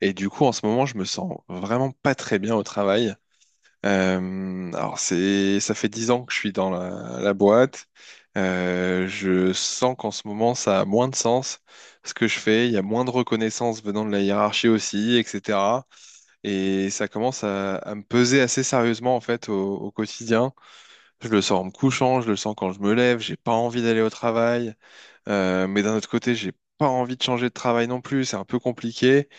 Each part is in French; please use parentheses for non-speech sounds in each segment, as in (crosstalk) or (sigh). Et du coup, en ce moment, je me sens vraiment pas très bien au travail. C'est, ça fait 10 ans que je suis dans la boîte. Je sens qu'en ce moment, ça a moins de sens ce que je fais. Il y a moins de reconnaissance venant de la hiérarchie aussi, etc. Et ça commence à me peser assez sérieusement, en fait, au quotidien. Je le sens en me couchant, je le sens quand je me lève, j'ai pas envie d'aller au travail. Mais d'un autre côté, j'ai pas envie de changer de travail non plus, c'est un peu compliqué.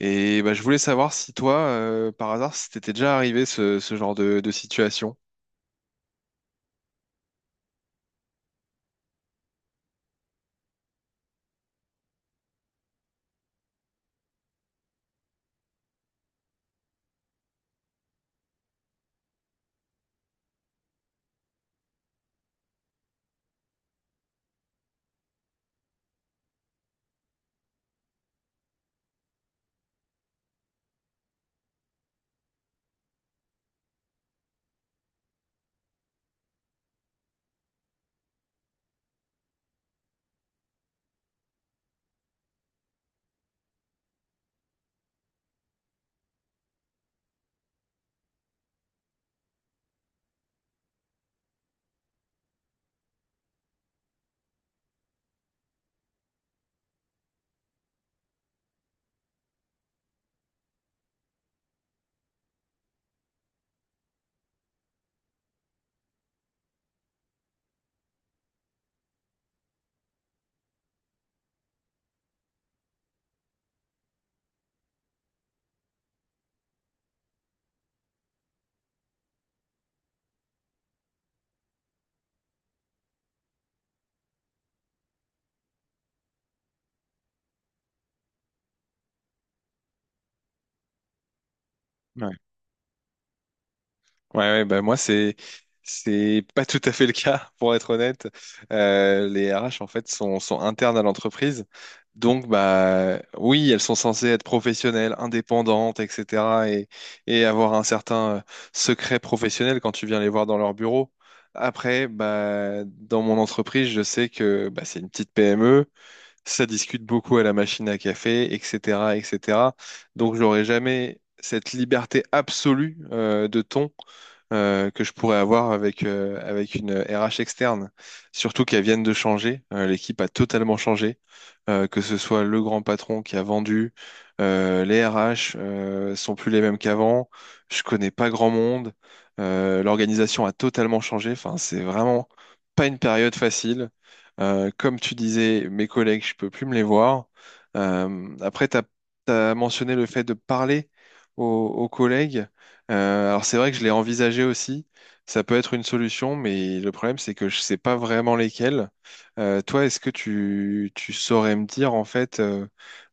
Et bah, je voulais savoir si toi, par hasard, si t'étais déjà arrivé ce genre de situation. Ouais, ouais, bah moi c'est pas tout à fait le cas (laughs) pour être honnête. Les RH en fait sont internes à l'entreprise, donc bah oui elles sont censées être professionnelles, indépendantes, etc. Et avoir un certain secret professionnel quand tu viens les voir dans leur bureau. Après bah dans mon entreprise je sais que bah, c'est une petite PME, ça discute beaucoup à la machine à café, etc., etc. Donc j'aurais jamais cette liberté absolue de ton que je pourrais avoir avec, avec une RH externe. Surtout qu'elle vienne de changer, l'équipe a totalement changé, que ce soit le grand patron qui a vendu, les RH sont plus les mêmes qu'avant, je connais pas grand monde, l'organisation a totalement changé, enfin c'est vraiment pas une période facile. Comme tu disais, mes collègues, je peux plus me les voir. Après, tu as mentionné le fait de parler aux collègues. Alors c'est vrai que je l'ai envisagé aussi. Ça peut être une solution, mais le problème, c'est que je sais pas vraiment lesquels. Toi, est-ce que tu saurais me dire, en fait, euh,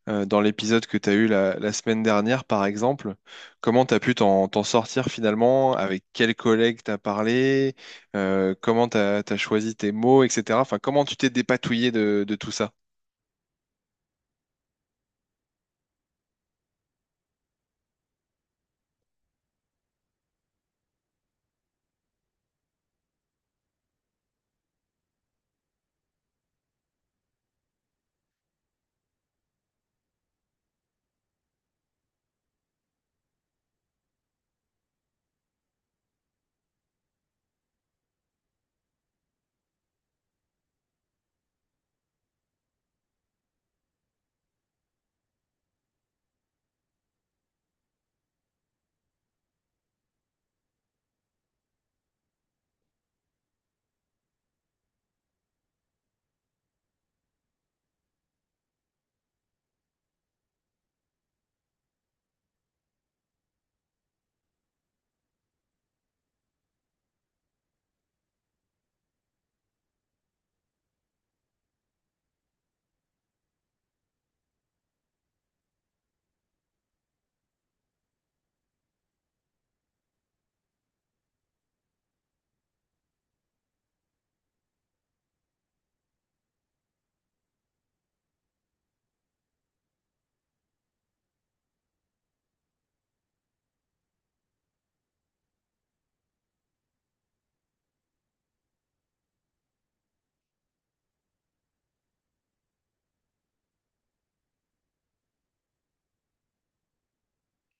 euh, dans l'épisode que tu as eu la semaine dernière, par exemple, comment tu as pu t'en sortir finalement, avec quels collègues tu as parlé, comment tu as choisi tes mots, etc. Enfin, comment tu t'es dépatouillé de tout ça?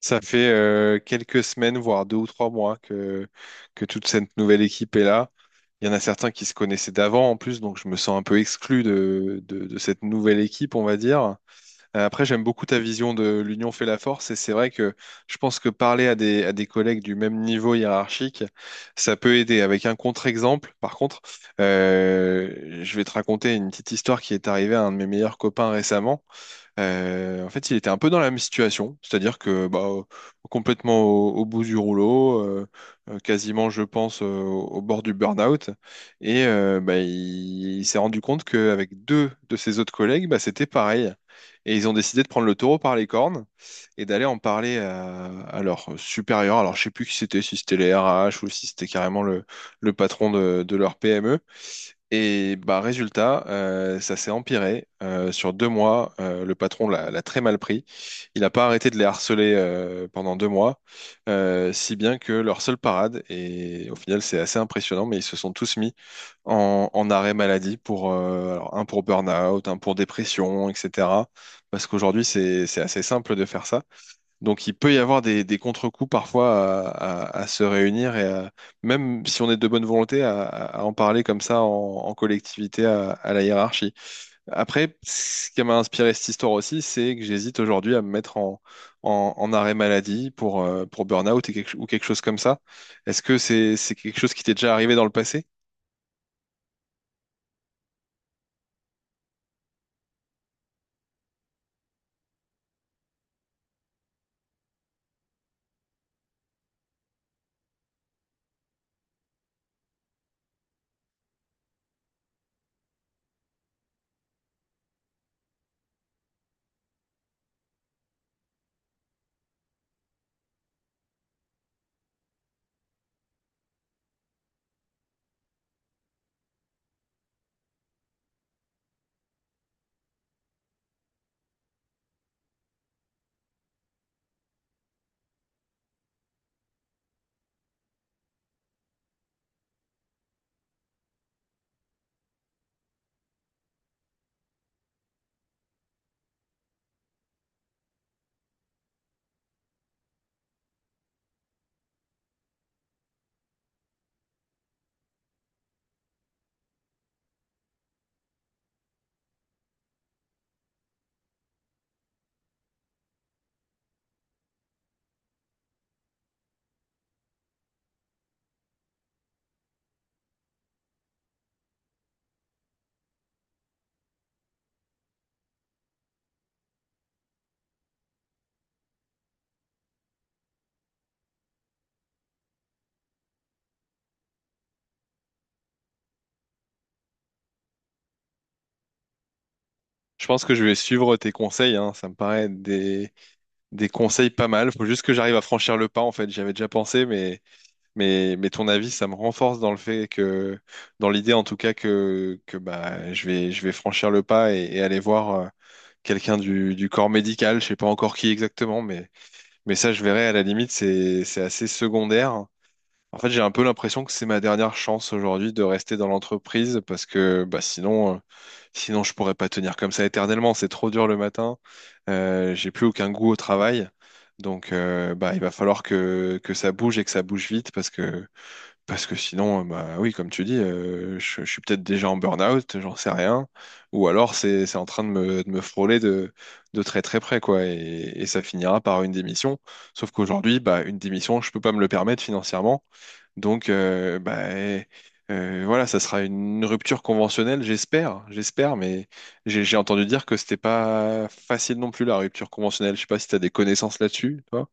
Ça fait quelques semaines, voire 2 ou 3 mois que toute cette nouvelle équipe est là. Il y en a certains qui se connaissaient d'avant en plus, donc je me sens un peu exclu de cette nouvelle équipe, on va dire. Après, j'aime beaucoup ta vision de l'union fait la force et c'est vrai que je pense que parler à des collègues du même niveau hiérarchique, ça peut aider. Avec un contre-exemple, par contre, je vais te raconter une petite histoire qui est arrivée à un de mes meilleurs copains récemment. En fait, il était un peu dans la même situation, c'est-à-dire que bah, complètement au bout du rouleau, quasiment, je pense, au bord du burn-out, et bah, il s'est rendu compte qu'avec 2 de ses autres collègues, bah, c'était pareil. Et ils ont décidé de prendre le taureau par les cornes et d'aller en parler à leur supérieur. Alors, je sais plus qui c'était, si c'était les RH ou si c'était carrément le patron de leur PME. Et bah résultat, ça s'est empiré. Sur 2 mois, le patron l'a très mal pris. Il n'a pas arrêté de les harceler pendant 2 mois, si bien que leur seule parade, et au final c'est assez impressionnant, mais ils se sont tous mis en arrêt maladie pour un pour burn-out, un pour dépression, etc. Parce qu'aujourd'hui c'est assez simple de faire ça. Donc il peut y avoir des contre-coups parfois à se réunir et même si on est de bonne volonté à en parler comme ça en collectivité à la hiérarchie. Après, ce qui m'a inspiré cette histoire aussi, c'est que j'hésite aujourd'hui à me mettre en arrêt maladie pour burn-out et ou quelque chose comme ça. Est-ce que c'est quelque chose qui t'est déjà arrivé dans le passé? Je pense que je vais suivre tes conseils, hein. Ça me paraît des conseils pas mal. Faut juste que j'arrive à franchir le pas, en fait. J'y avais déjà pensé, mais… mais ton avis, ça me renforce dans le fait que, dans l'idée en tout cas que bah, je vais franchir le pas et aller voir quelqu'un du corps médical, je sais pas encore qui exactement, mais ça, je verrai à la limite, c'est assez secondaire. En fait, j'ai un peu l'impression que c'est ma dernière chance aujourd'hui de rester dans l'entreprise parce que bah, sinon, sinon, je pourrais pas tenir comme ça éternellement. C'est trop dur le matin. J'ai plus aucun goût au travail. Donc, bah, il va falloir que ça bouge et que ça bouge vite parce que sinon, bah oui, comme tu dis, je suis peut-être déjà en burn-out, j'en sais rien. Ou alors c'est en train de de me frôler de très très près, quoi. Et ça finira par une démission. Sauf qu'aujourd'hui, bah, une démission, je peux pas me le permettre financièrement. Donc voilà, ça sera une rupture conventionnelle, j'espère. J'espère, mais j'ai entendu dire que c'était pas facile non plus la rupture conventionnelle. Je sais pas si tu as des connaissances là-dessus, toi.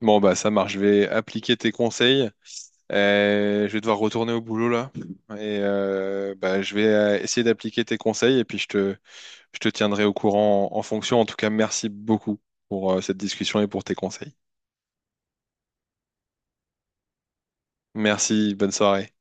Bon bah ça marche, je vais appliquer tes conseils. Je vais devoir retourner au boulot là et bah, je vais essayer d'appliquer tes conseils et puis je te tiendrai au courant en fonction. En tout cas, merci beaucoup pour cette discussion et pour tes conseils. Merci, bonne soirée.